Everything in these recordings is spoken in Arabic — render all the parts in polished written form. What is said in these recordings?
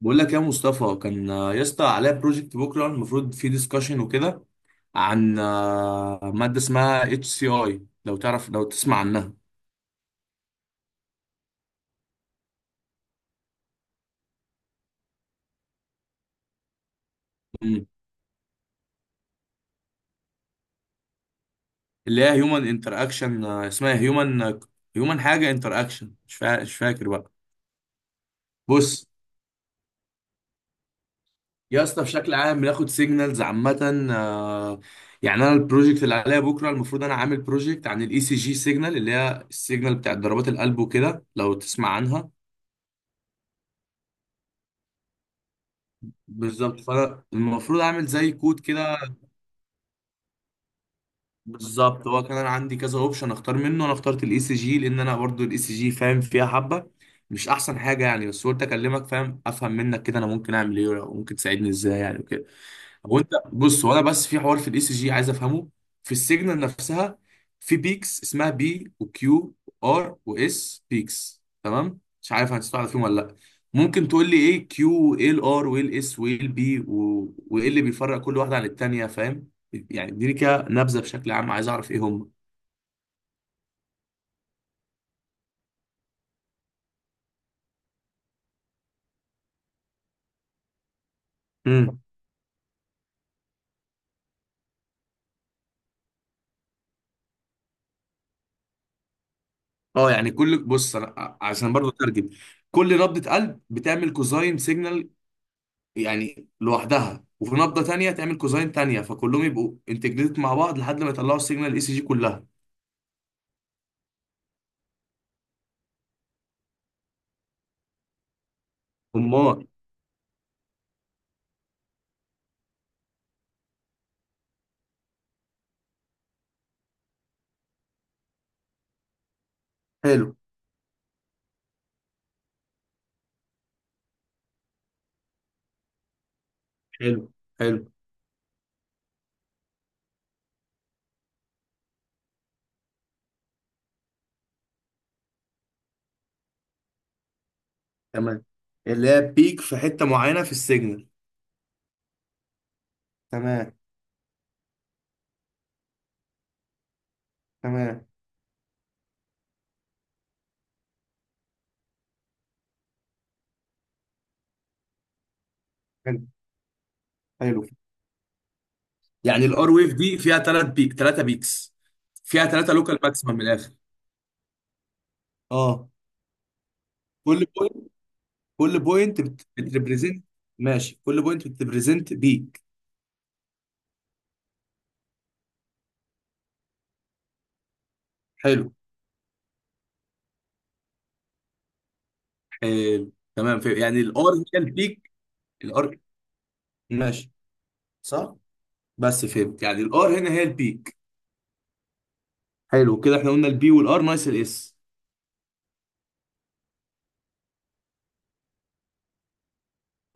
بقول لك يا مصطفى، كان يا اسطى عليا بروجكت بكره المفروض فيه ديسكشن وكده عن ماده اسمها اتش سي اي، لو تعرف، لو تسمع عنها. مم. اللي هي هيومن انتر اكشن، اسمها هيومن حاجه انتر اكشن، مش فاكر بقى. بص يا اسطى، بشكل عام بناخد سيجنالز عامه، يعني انا البروجكت اللي عليا بكره المفروض، انا عامل بروجكت عن الاي سي جي سيجنال، اللي هي السيجنال بتاعت ضربات القلب وكده، لو تسمع عنها. بالظبط، فانا المفروض اعمل زي كود كده. بالظبط، هو كان انا عندي كذا اوبشن اختار منه، انا اخترت الاي سي جي لان انا برضو الاي سي جي فاهم فيها حبه. مش احسن حاجه يعني، بس قلت اكلمك فاهم، افهم منك كده انا ممكن اعمل ايه وممكن تساعدني ازاي يعني وكده. طب وانت بص، وانا بس في حوار في الاي سي جي عايز افهمه، في السيجنال نفسها، في بيكس اسمها بي وكيو وار واس بيكس، تمام؟ مش عارف هتستوعب فيهم ولا لا. ممكن تقول لي ايه كيو وايه الار وايه الاس وايه البي وايه اللي بيفرق كل واحده عن التانيه، فاهم؟ يعني اديني كده نبذه بشكل عام، عايز اعرف ايه هم. امم. اه يعني كل بص، انا عشان برضه اترجم، كل نبضه قلب بتعمل كوزاين سيجنال يعني لوحدها، وفي نبضه تانية تعمل كوزاين تانية، فكلهم يبقوا انتجريتد مع بعض لحد ما يطلعوا السيجنال الاي سي جي كلها. امال. حلو. حلو. حلو، تمام. اللي هي بيك في حته معينه في السيجنال. تمام، تمام. حلو، حلو. يعني الار ويف دي فيها ثلاث بيك، ثلاثه بيكس، فيها ثلاثه لوكال ماكسيمم من الاخر. اه. كل بوينت، كل بوينت بتريبريزنت. ماشي، كل بوينت بتريبريزنت بيك. حلو، حلو، تمام، في يعني الار هي البيك. الار. ماشي. صح. بس فهمت يعني الار هنا هي البيك. حلو كده، احنا قلنا البي والار ناقص الاس.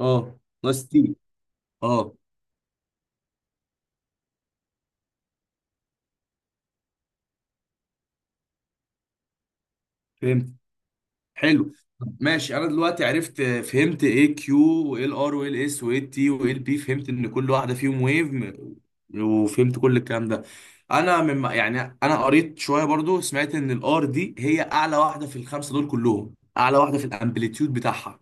اه ناقص تي. اه، فهمت. حلو. طب ماشي، انا دلوقتي عرفت فهمت ايه كيو وايه الار وايه الاس وايه التي وايه البي، فهمت ان كل واحده فيهم ويف، وفهمت كل الكلام ده. انا من يعني، انا قريت شويه برضو، سمعت ان الار دي هي اعلى واحده في الخمسه دول كلهم، اعلى واحده في الامبليتيود بتاعها.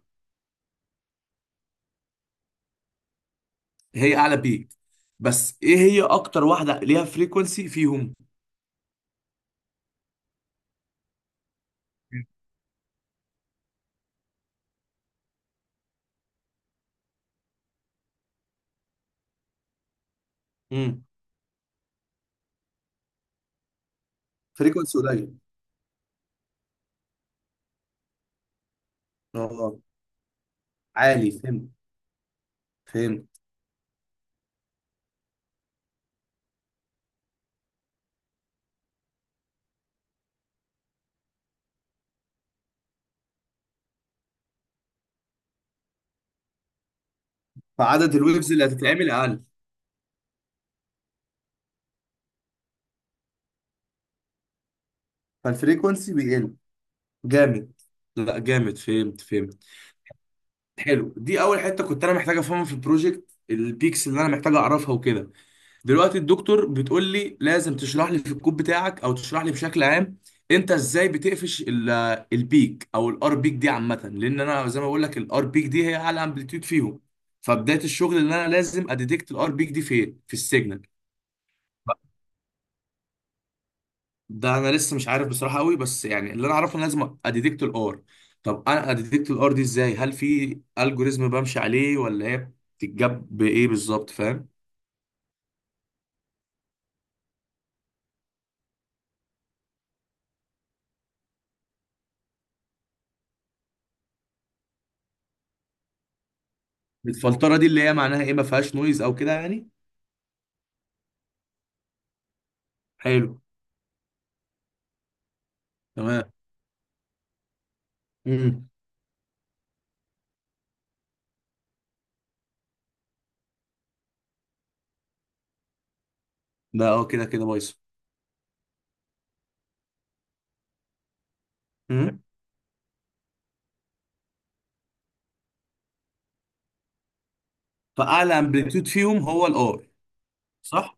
هي اعلى بيك. بس ايه، هي اكتر واحده ليها فريكونسي فيهم؟ امم. فريكونسي قليل. اه، عالي، فهمت، فهمت. فعدد الويفز اللي هتتعمل اقل. فالفريكونسي بيقل. جامد. لا جامد، فهمت، فهمت. حلو، دي اول حته كنت انا محتاج افهمها في البروجكت، البيكس اللي انا محتاج اعرفها وكده. دلوقتي الدكتور بتقول لي لازم تشرح لي في الكود بتاعك او تشرح لي بشكل عام انت ازاي بتقفش البيك، او الار بيك دي عامه، لان انا زي ما بقول لك الار بيك دي هي اعلى امبليتيود فيهم. فبدايه الشغل اللي انا لازم اديتكت الار بيك دي فين في السيجنال. ده انا لسه مش عارف بصراحه قوي، بس يعني اللي انا اعرفه ان لازم اديتكت الار. طب انا اديتكت الار دي ازاي؟ هل في الجوريزم بمشي عليه، ولا هي بتتجاب بايه بالظبط، فاهم؟ الفلتره دي اللي هي معناها ايه، ما فيهاش نويز او كده يعني؟ حلو. تمام. امم. ده اه، كده كده بايظ. امم. فاعلى امبليتيود فيهم هو الار. صح.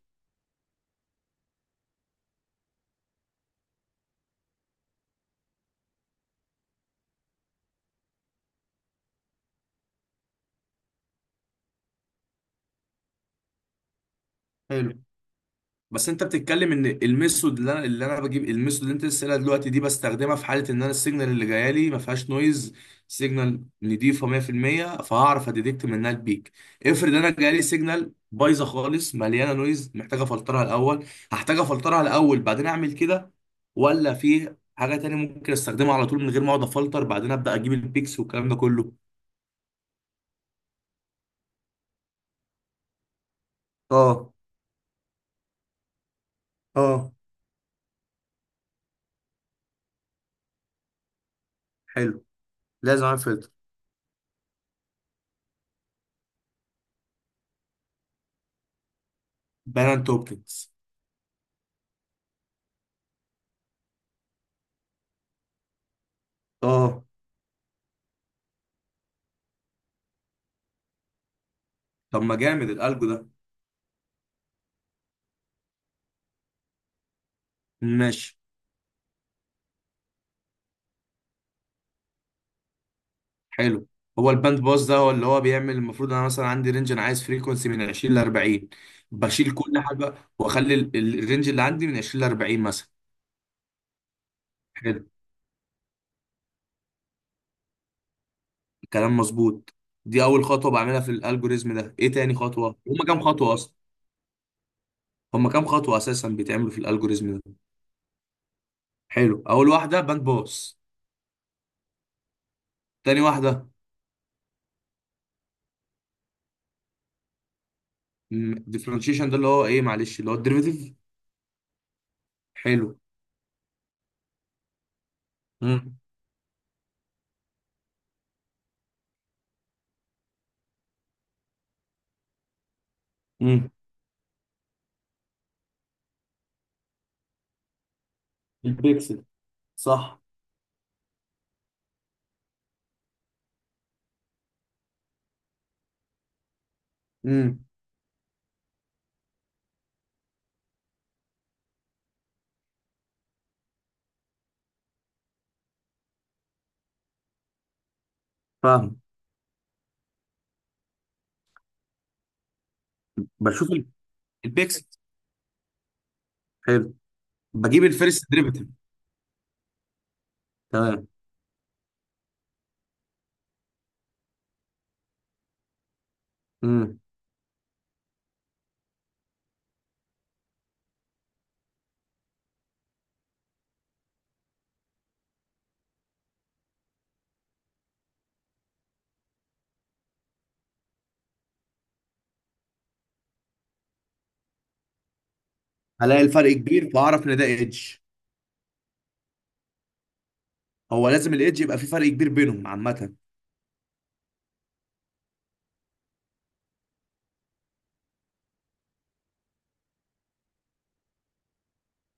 حلو. بس انت بتتكلم ان الميثود اللي انا بجيب، الميثود اللي انت لسه قايلها دلوقتي دي، بستخدمها في حاله ان انا السيجنال اللي جايه لي ما فيهاش نويز، سيجنال نضيفه 100%، فهعرف اديتكت منها البيك. افرض انا جاي لي سيجنال بايظه خالص مليانه نويز، محتاجه افلترها الاول، هحتاج افلترها الاول بعدين اعمل كده؟ ولا في حاجه تانية ممكن استخدمها على طول من غير ما اقعد افلتر، بعدين ابدا اجيب البيكس والكلام ده كله؟ اه. اه. حلو، لازم اعمل فلتر. بارنت اوبتكس. اه طب ما جامد الالجو ده. ماشي. حلو، هو الباند باس ده هو اللي هو بيعمل، المفروض انا مثلا عندي رينج، انا عايز فريكونسي من 20 ل 40، بشيل كل حاجه واخلي الرينج اللي عندي من 20 ل 40 مثلا. حلو، الكلام مظبوط. دي اول خطوه بعملها في الالجوريزم ده، ايه تاني خطوه؟ هما كام خطوه اصلا؟ هما كام خطوه اساسا بيتعملوا في الالجوريزم ده؟ حلو، اول واحده باند باس. تاني واحده. ديفرنشيشن ده اللي هو ايه معلش، اللي هو الديريفيتيف. حلو. امم. امم، البيكسل، صح. امم. فاهم. بشوف البيكسل. حلو. بجيب الفيرست ديريفيتيف. تمام. امم. هلاقي الفرق كبير فاعرف ان ده ايدج. هو لازم الايدج يبقى في فرق كبير بينهم عامه؟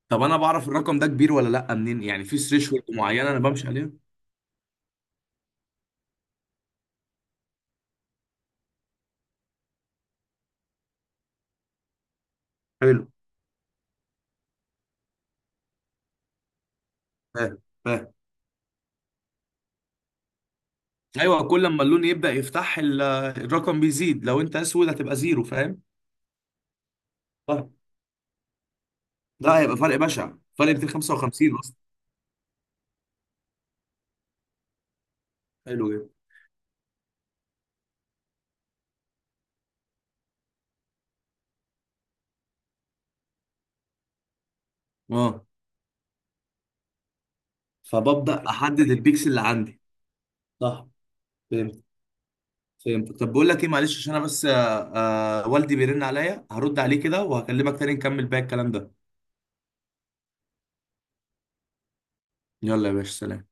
طب انا بعرف الرقم ده كبير ولا لا منين يعني، في ثريشولد معينه انا بمشي عليها؟ حلو. فاهم، فاهم. ايوه كل ما اللون يبدا يفتح الرقم بيزيد، لو انت اسود هتبقى زيرو، فاهم؟ فاهم. لا هيبقى فرق بشع، فرق 255 اصلا. حلو جدا. اه، فببدا احدد البيكسل اللي عندي. صح. فهمت، فهمت. طب بقول لك ايه معلش، عشان انا بس والدي بيرن عليا، هرد عليه كده وهكلمك تاني نكمل باقي الكلام ده. يلا يا باشا، سلام.